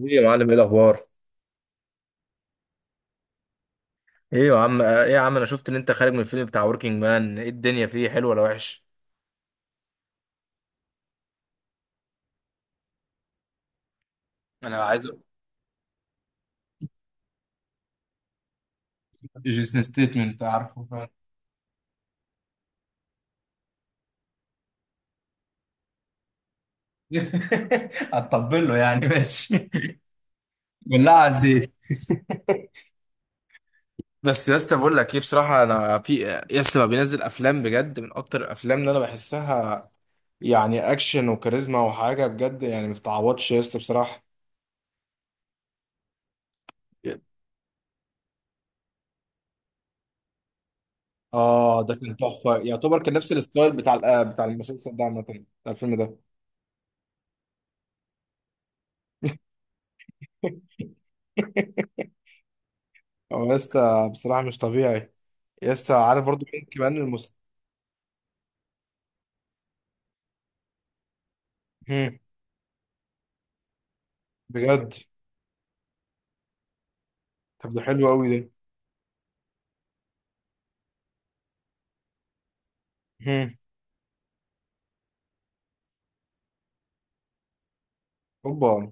ايه يا معلم، ايه الاخبار؟ ايه يا عم انا شفت ان انت خارج من الفيلم بتاع وركينج مان. ايه الدنيا؟ فيه حلو ولا وحش؟ انا عايز أ- جيسون ستيتمنت، عارفه، فاهم. هتطبل له يعني، ماشي. بالله عزيز. بس يا اسطى، بقول لك ايه بصراحه، انا في يا اسطى، ما بينزل افلام بجد من اكتر الافلام اللي انا بحسها، يعني اكشن وكاريزما وحاجه بجد، يعني ما تتعوضش يا اسطى بصراحه. اه ده كان تحفه، يعتبر كان نفس الستايل بتاع بتاع المسلسل ده، عامه بتاع الفيلم ده. هو لسه بصراحة مش طبيعي. لسه عارف برضو مين كمان هم. بجد. طب ده حلو قوي ده. هم. اوبا.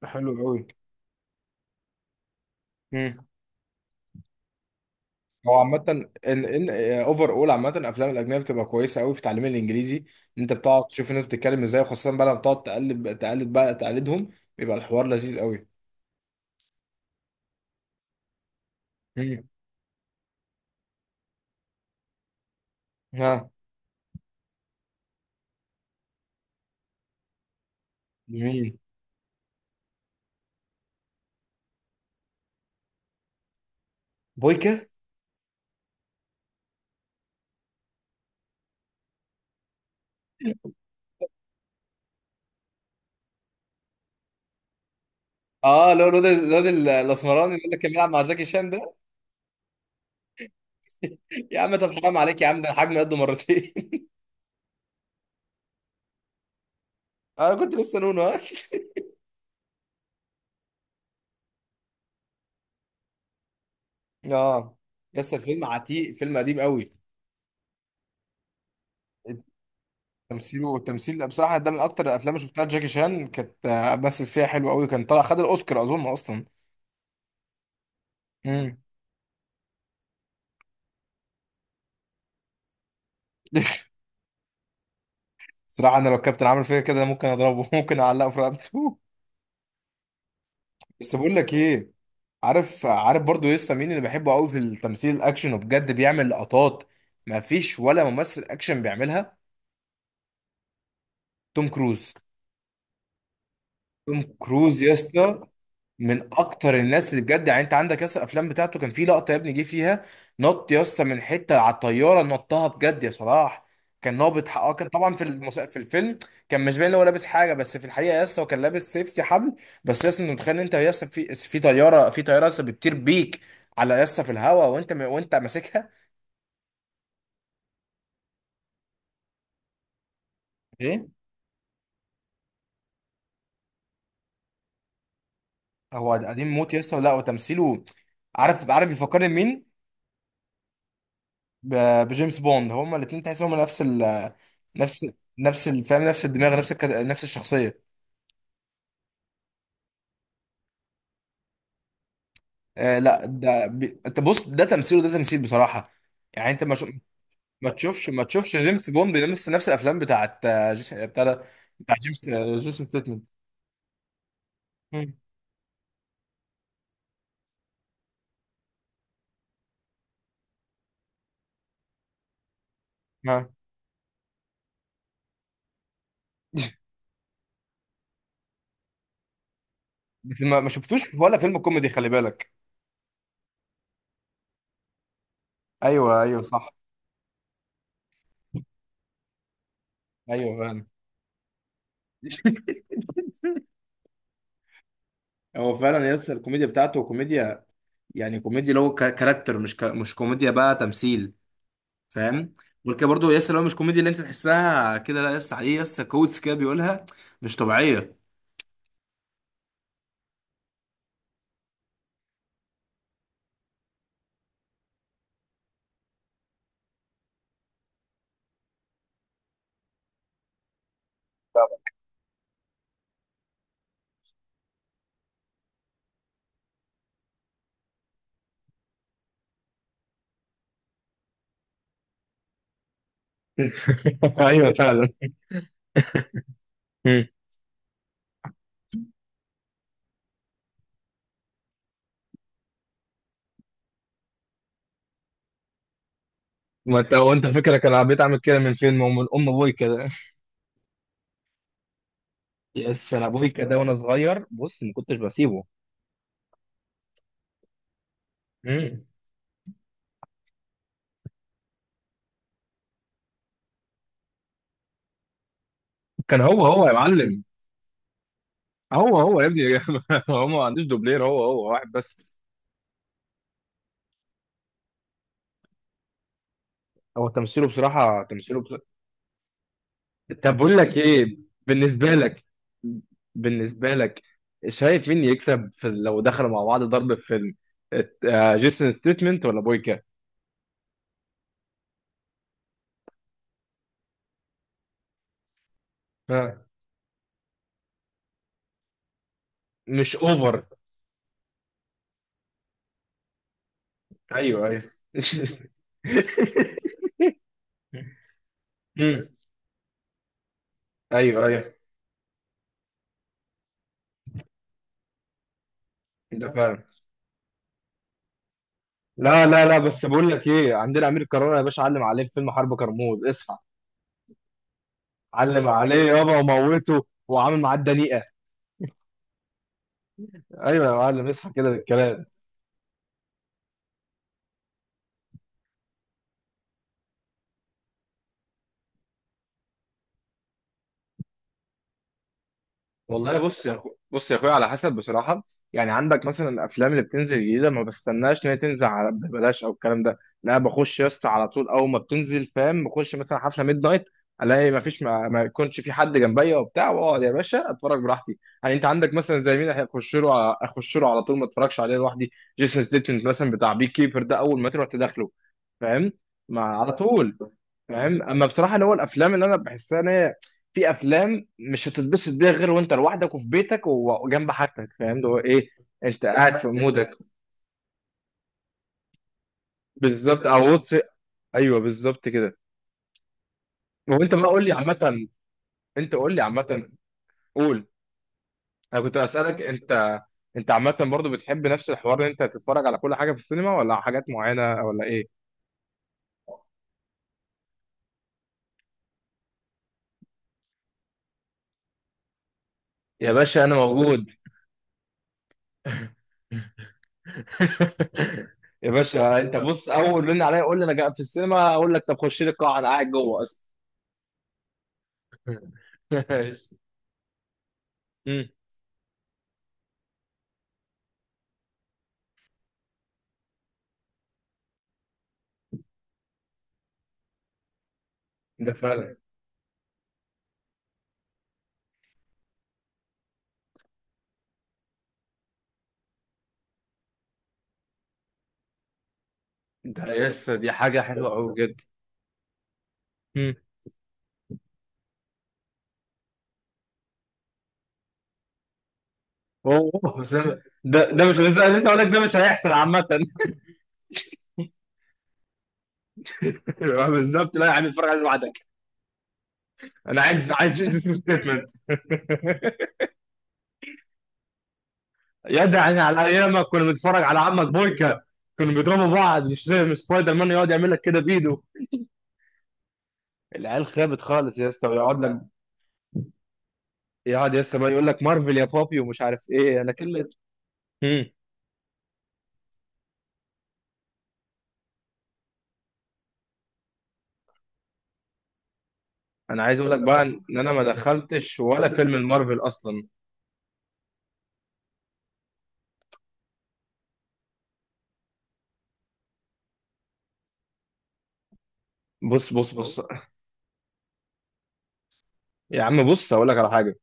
ده حلو قوي. هم. هو عامة ان اوفر اول، عامة الافلام الاجنبية بتبقى كويسة قوي في تعليم الانجليزي، ان انت بتقعد تشوف الناس بتتكلم ازاي، وخاصة بقى لما بتقعد تقلد بقى، تقلدهم، بيبقى الحوار لذيذ قوي. هم. ها. مين؟ بويكا. اه لو الاسمراني اللي كان بيلعب مع جاكي شان ده. يا عم طب حرام عليك يا عم، ده الحجم قده مرتين. انا كنت لسه نونو. ها. اه. يس الفيلم عتيق، فيلم قديم قوي. تمثيله والتمثيل بصراحه، ده من اكتر الافلام اللي شفتها، جاكي شان كانت مثل فيها حلو قوي، كان طلع خد الاوسكار اظن اصلا. امم. صراحه انا لو الكابتن عامل فيا كده ممكن اضربه، ممكن اعلقه في رقبته. بس بقول لك ايه، عارف عارف برضو يسطا، مين اللي بحبه قوي في التمثيل الاكشن وبجد بيعمل لقطات ما فيش ولا ممثل اكشن بيعملها؟ توم كروز. توم كروز يسطا. من اكتر الناس اللي بجد، يعني انت عندك ياسر الافلام بتاعته، كان في لقطه يا ابني جه فيها نط ياسر من حته على الطياره، نطها بجد يا صلاح. كان نابط حق- اه كان طبعا في في الفيلم، كان مش باين إن هو لابس حاجه، بس في الحقيقه ياسر هو كان لابس سيفتي حبل. بس ياسر، انت متخيل إن انت ياسر في طياره ياسر بتطير بيك على ياسر في الهواء، وانت وانت ماسكها؟ ايه. هو قديم موت ياسر، لا وتمثيله. عارف عارف بيفكرني مين. بجيمس بوند، هما الاثنين تحس هما نفس، فاهم، نفس الدماغ، نفس نفس الشخصيه. آه لا، ده انت بص، ده تمثيل وده تمثيل بصراحه، يعني انت ما تشوفش جيمس بوند بيلمس نفس الافلام بتاعت بتاع ده، بتاع جيمس جيسون ستيتمنت. مم. آه. بس ما شفتوش ولا فيلم كوميدي، خلي بالك. ايوه ايوه صح. ايوه فعلا. هو فعلا يس، الكوميديا بتاعته كوميديا، يعني كوميديا اللي هو كاركتر، مش مش كوميديا بقى، تمثيل. فاهم. غير كده برضه يس، لو مش كوميديا اللي انت تحسها كده، لا يس، عليه يس كوتس كده بيقولها، مش طبيعيه. ايوه فعلا. مم. ما انت وانت فكرك انا بقيت اعمل كده من فين، ما هو من ام ابوي كده، يس انا ابوي كده وانا صغير بص ما كنتش بسيبه. مم. كان هو هو يا معلم. هو هو يا ابني. هو ما عندوش دوبلير، هو هو واحد بس. هو تمثيله بصراحه، تمثيله. طب بقول لك ايه، بالنسبه لك، بالنسبه لك شايف مين يكسب في لو دخلوا مع بعض ضرب في فيلم، جيسون ستيتمنت ولا بويكا؟ ها. مش اوفر. ايوه ايوه. مم. ايوه ايوه. ده فعلا. لا لا لا، بس بقول لك ايه، عندنا امير كرارة يا باشا، علم عليه في فيلم حرب كرموز، اصحى. علم عليه يابا، وموته وعامل معاه الدنيئه. ايوه يا معلم، اصحى كده بالكلام. والله بص بص يا اخويا، على حسب بصراحه. يعني عندك مثلا الافلام اللي بتنزل جديده، ما بستناش ان هي تنزل على ببلاش او الكلام ده، لا بخش يس على طول اول ما بتنزل، فاهم، بخش مثلا حفله ميد نايت، الاقي ما فيش ما يكونش في حد جنبيا وبتاع، واقعد يا باشا اتفرج براحتي. يعني انت عندك مثلا زي مين هيخش له اخش له على طول، ما اتفرجش عليه لوحدي، جيسون ستيتمنت مثلا بتاع بي كيبر ده، اول ما تروح تدخله. فاهم. ما على طول. فاهم، اما بصراحه اللي هو الافلام اللي انا بحسها ان هي، في افلام مش هتتبسط بيها غير وانت لوحدك وفي بيتك وجنب حاجتك، فاهم، اللي هو ايه، انت قاعد في مودك، بالظبط، او وطي. ايوه بالظبط كده. وانت بقى قول لي عامه، انت قول لي عامه، قول. انا كنت اسالك انت. انت عامه برضو بتحب نفس الحوار ان انت تتفرج على كل حاجه في السينما، ولا على حاجات معينه ولا ايه؟ يا باشا انا موجود. يا باشا انت بص، اول رن عليا قول لي انا جاي في السينما، اقول لك طب خش لي القاعه انا قاعد جوه اصلا. مم. ده فعلا. ده يس، دي حاجه حلوه قوي بجد. مم. اوه بس ده مش لسه، لسه اقول لك ده مش هيحصل عامه. بالظبط، لا يا عم اتفرج عليه لوحدك، انا عايز اسم ستيتمنت. يا ده يعني على ايامك كنا بنتفرج على عمك بويكا، كانوا بيضربوا بعض، مش زي مش سبايدر مان يقعد يعمل لك كده بايده. العيال خابت خالص يا اسطى، ويقعد لك يقعد لسه بقى يقول لك مارفل يا بابي، ومش عارف ايه، انا كلمه. امم. انا عايز اقول لك بقى ان انا ما دخلتش ولا فيلم المارفل اصلا. بص بص بص. يا عم بص هقول لك على حاجه،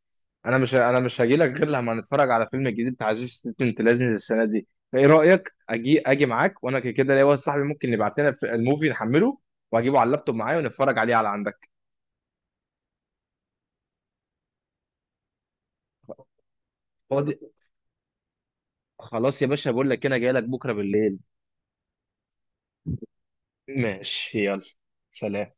انا مش هجي لك غير لما نتفرج على فيلم جديد بتاع جيسون ستيتمنت، لازم السنه دي. فايه رايك اجي معاك، وانا كده كده ليا واحد صاحبي ممكن يبعت لنا في الموفي نحمله، واجيبه على اللابتوب معايا ونتفرج عليه على عندك. فاضي. خلاص يا باشا، بقول لك انا جاي لك بكره بالليل. ماشي يلا. سلام.